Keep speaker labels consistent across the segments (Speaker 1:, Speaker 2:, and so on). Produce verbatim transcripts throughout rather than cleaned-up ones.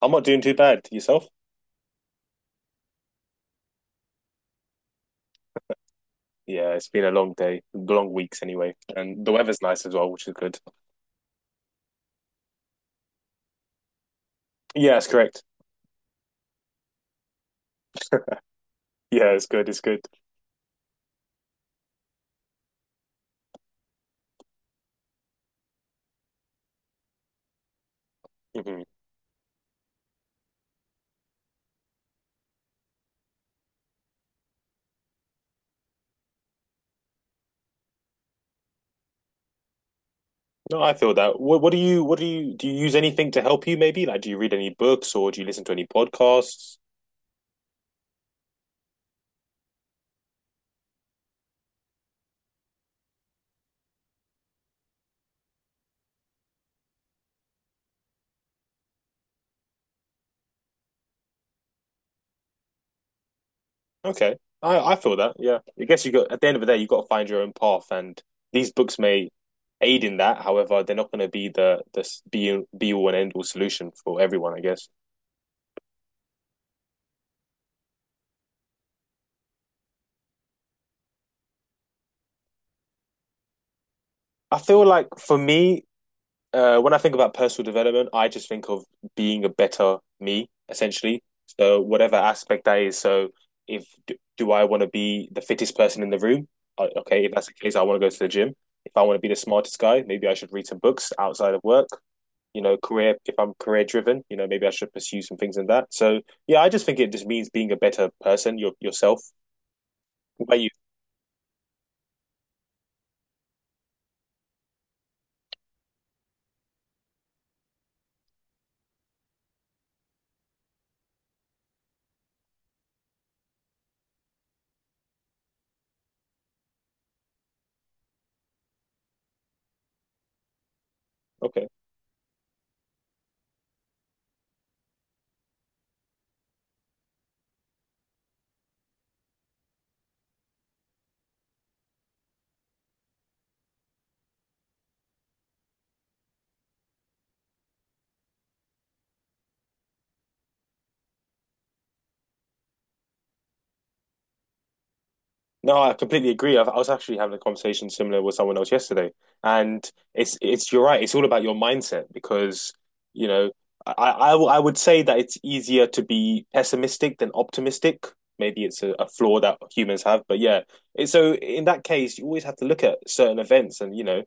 Speaker 1: I'm not doing too bad. Yourself? Yeah, it's been a long day, long weeks anyway, and the weather's nice as well, which is good. Yeah, it's correct. Yeah, it's good. It's good. Hmm. No, I feel that. What, what do you? What do you? Do you use anything to help you? Maybe like, do you read any books or do you listen to any podcasts? Okay, I I feel that. Yeah, I guess you got at the end of the day, you got to find your own path, and these books may aid in that. However, they're not going to be the the s- be be all and end all solution for everyone. I guess. I feel like for me, Uh, when I think about personal development, I just think of being a better me, essentially. So whatever aspect that is. So if do, do I want to be the fittest person in the room? Uh, Okay, if that's the case, I want to go to the gym. If I want to be the smartest guy, maybe I should read some books outside of work. You know, career, if I'm career driven, you know, maybe I should pursue some things in that. So yeah, I just think it just means being a better person, your yourself. What about you? Okay. No, I completely agree. I've, I was actually having a conversation similar with someone else yesterday, and it's it's you're right. It's all about your mindset because you know I I I would say that it's easier to be pessimistic than optimistic. Maybe it's a, a flaw that humans have, but yeah. It, so in that case, you always have to look at certain events, and you know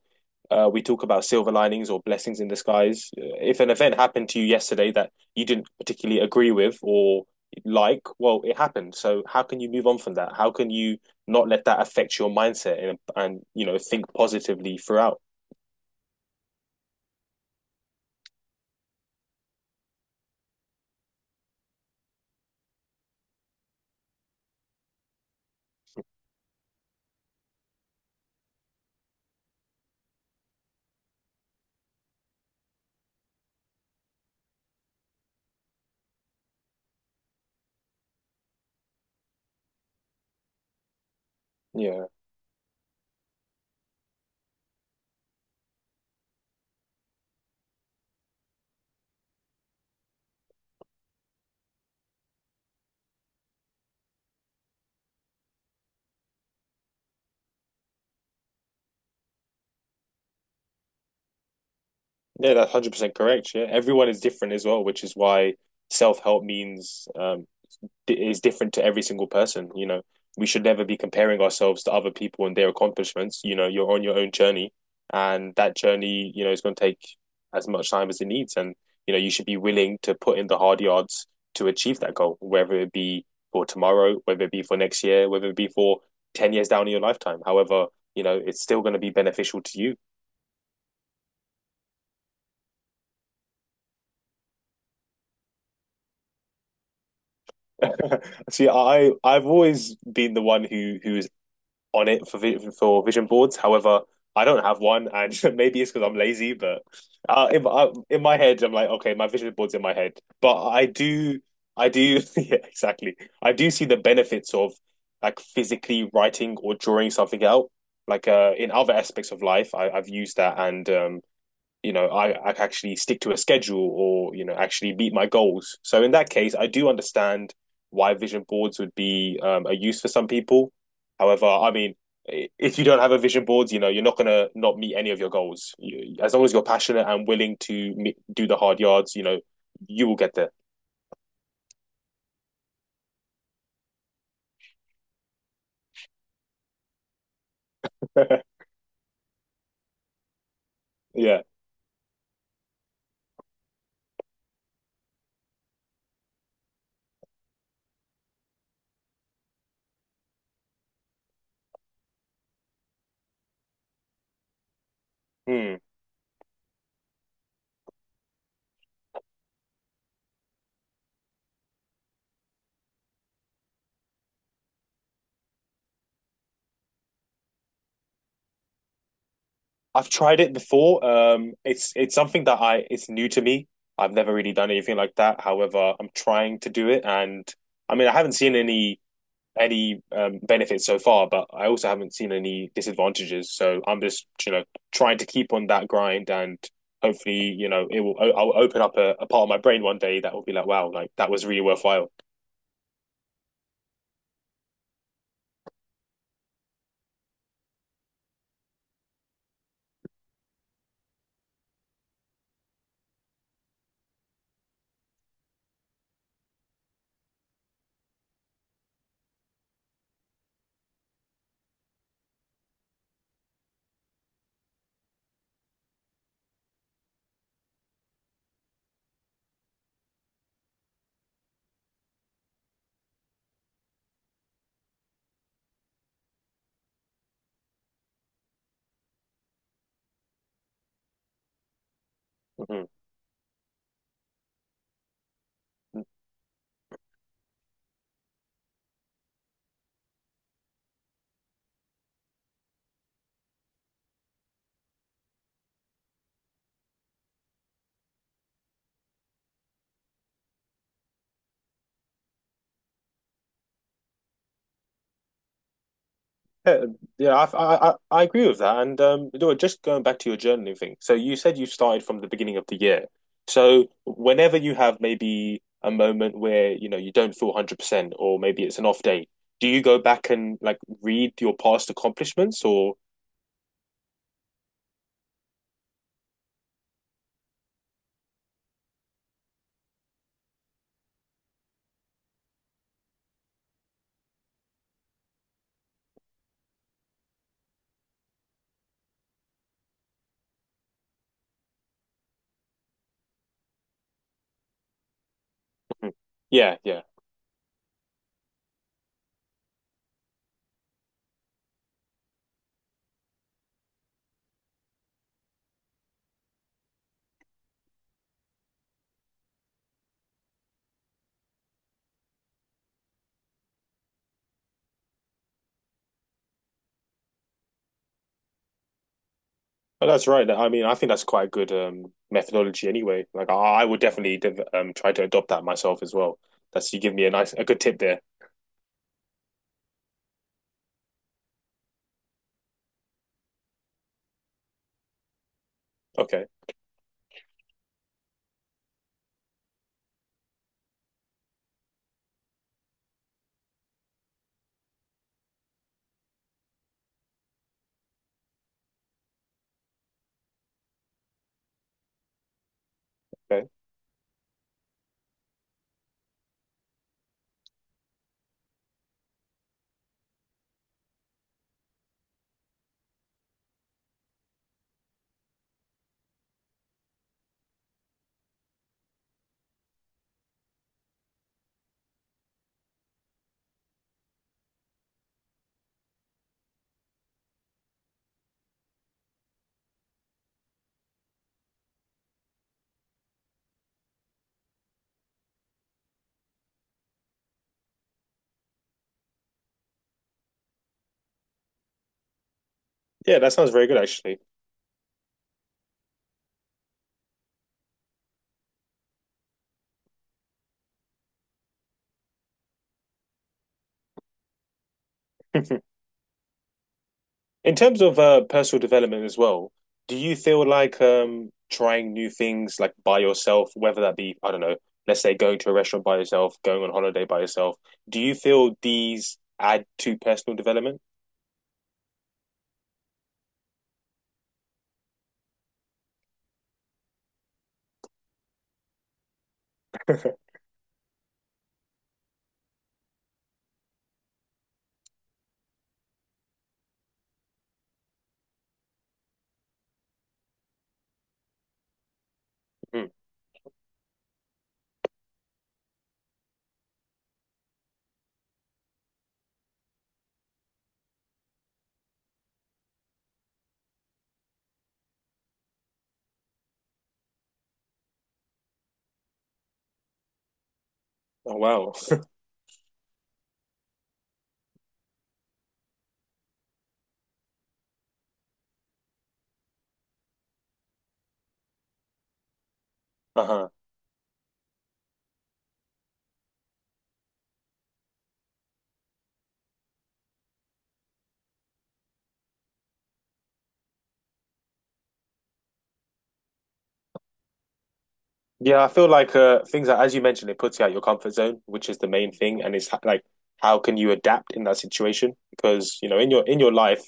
Speaker 1: uh, we talk about silver linings or blessings in disguise. Uh, If an event happened to you yesterday that you didn't particularly agree with, or like, well, it happened. So how can you move on from that? How can you not let that affect your mindset and and you know think positively throughout? Yeah, yeah, that's one hundred percent correct. Yeah, everyone is different as well, which is why self help means um, is different to every single person. You know, we should never be comparing ourselves to other people and their accomplishments. You know, you're on your own journey, and that journey, you know, is going to take as much time as it needs. And you know, you should be willing to put in the hard yards to achieve that goal, whether it be for tomorrow, whether it be for next year, whether it be for ten years down in your lifetime. However, you know, it's still going to be beneficial to you. See, I I've always been the one who who is on it for vi- for vision boards. However, I don't have one, and maybe it's because I'm lazy. But uh, in uh, in my head, I'm like, okay, my vision board's in my head. But I do, I do, yeah, exactly. I do see the benefits of like physically writing or drawing something out. Like, uh, in other aspects of life, I, I've used that, and um, you know I, I actually stick to a schedule, or you know actually meet my goals. So in that case, I do understand why vision boards would be, um, a use for some people. However, I mean, if you don't have a vision board, you know you're not going to not meet any of your goals you, as long as you're passionate and willing to me- do the hard yards, you know you will get there. Yeah. Hmm. i've tried it before um it's it's something that I it's new to me. I've never really done anything like that. However, I'm trying to do it, and I mean I haven't seen any any um, benefits so far, but I also haven't seen any disadvantages. So I'm just, you know, trying to keep on that grind, and hopefully, you know, it will, I'll open up a, a part of my brain one day that will be like, wow, like that was really worthwhile. Mm-hmm. Yeah, yeah, I, I, I agree with that. And um, just going back to your journaling thing. So you said you started from the beginning of the year. So whenever you have maybe a moment where, you know, you don't feel one hundred percent or maybe it's an off day, do you go back and like read your past accomplishments, or Yeah, yeah. But that's right. I mean, I think that's quite a good um, methodology anyway. Like, I, I would definitely div um, try to adopt that myself as well. That's you give me a nice, a good tip there. Okay, okay. Yeah, that sounds very good actually. In terms of uh, personal development as well, do you feel like um, trying new things like by yourself, whether that be, I don't know, let's say going to a restaurant by yourself, going on holiday by yourself, do you feel these add to personal development? Hmm. Oh, wow. Uh-huh. Yeah, I feel like uh, things that, as you mentioned, it puts you out your comfort zone, which is the main thing, and it's h- like, how can you adapt in that situation? Because you know, in your in your life,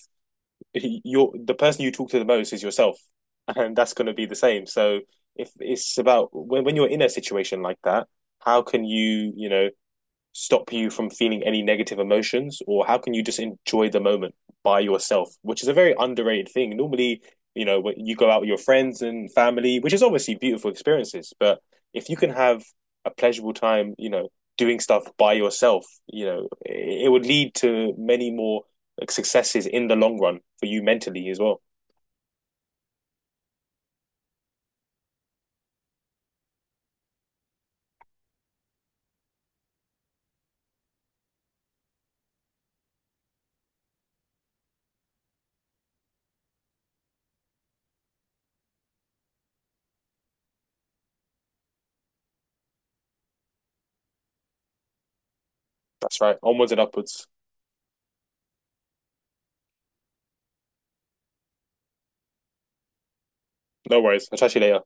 Speaker 1: you're the person you talk to the most is yourself, and that's going to be the same. So if it's about when when you're in a situation like that, how can you you know stop you from feeling any negative emotions, or how can you just enjoy the moment by yourself, which is a very underrated thing normally. You know when you go out with your friends and family, which is obviously beautiful experiences, but if you can have a pleasurable time, you know doing stuff by yourself, you know it would lead to many more, like, successes in the long run for you mentally as well. That's right, onwards and upwards. No worries, I'll chat to you later.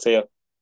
Speaker 1: See ya.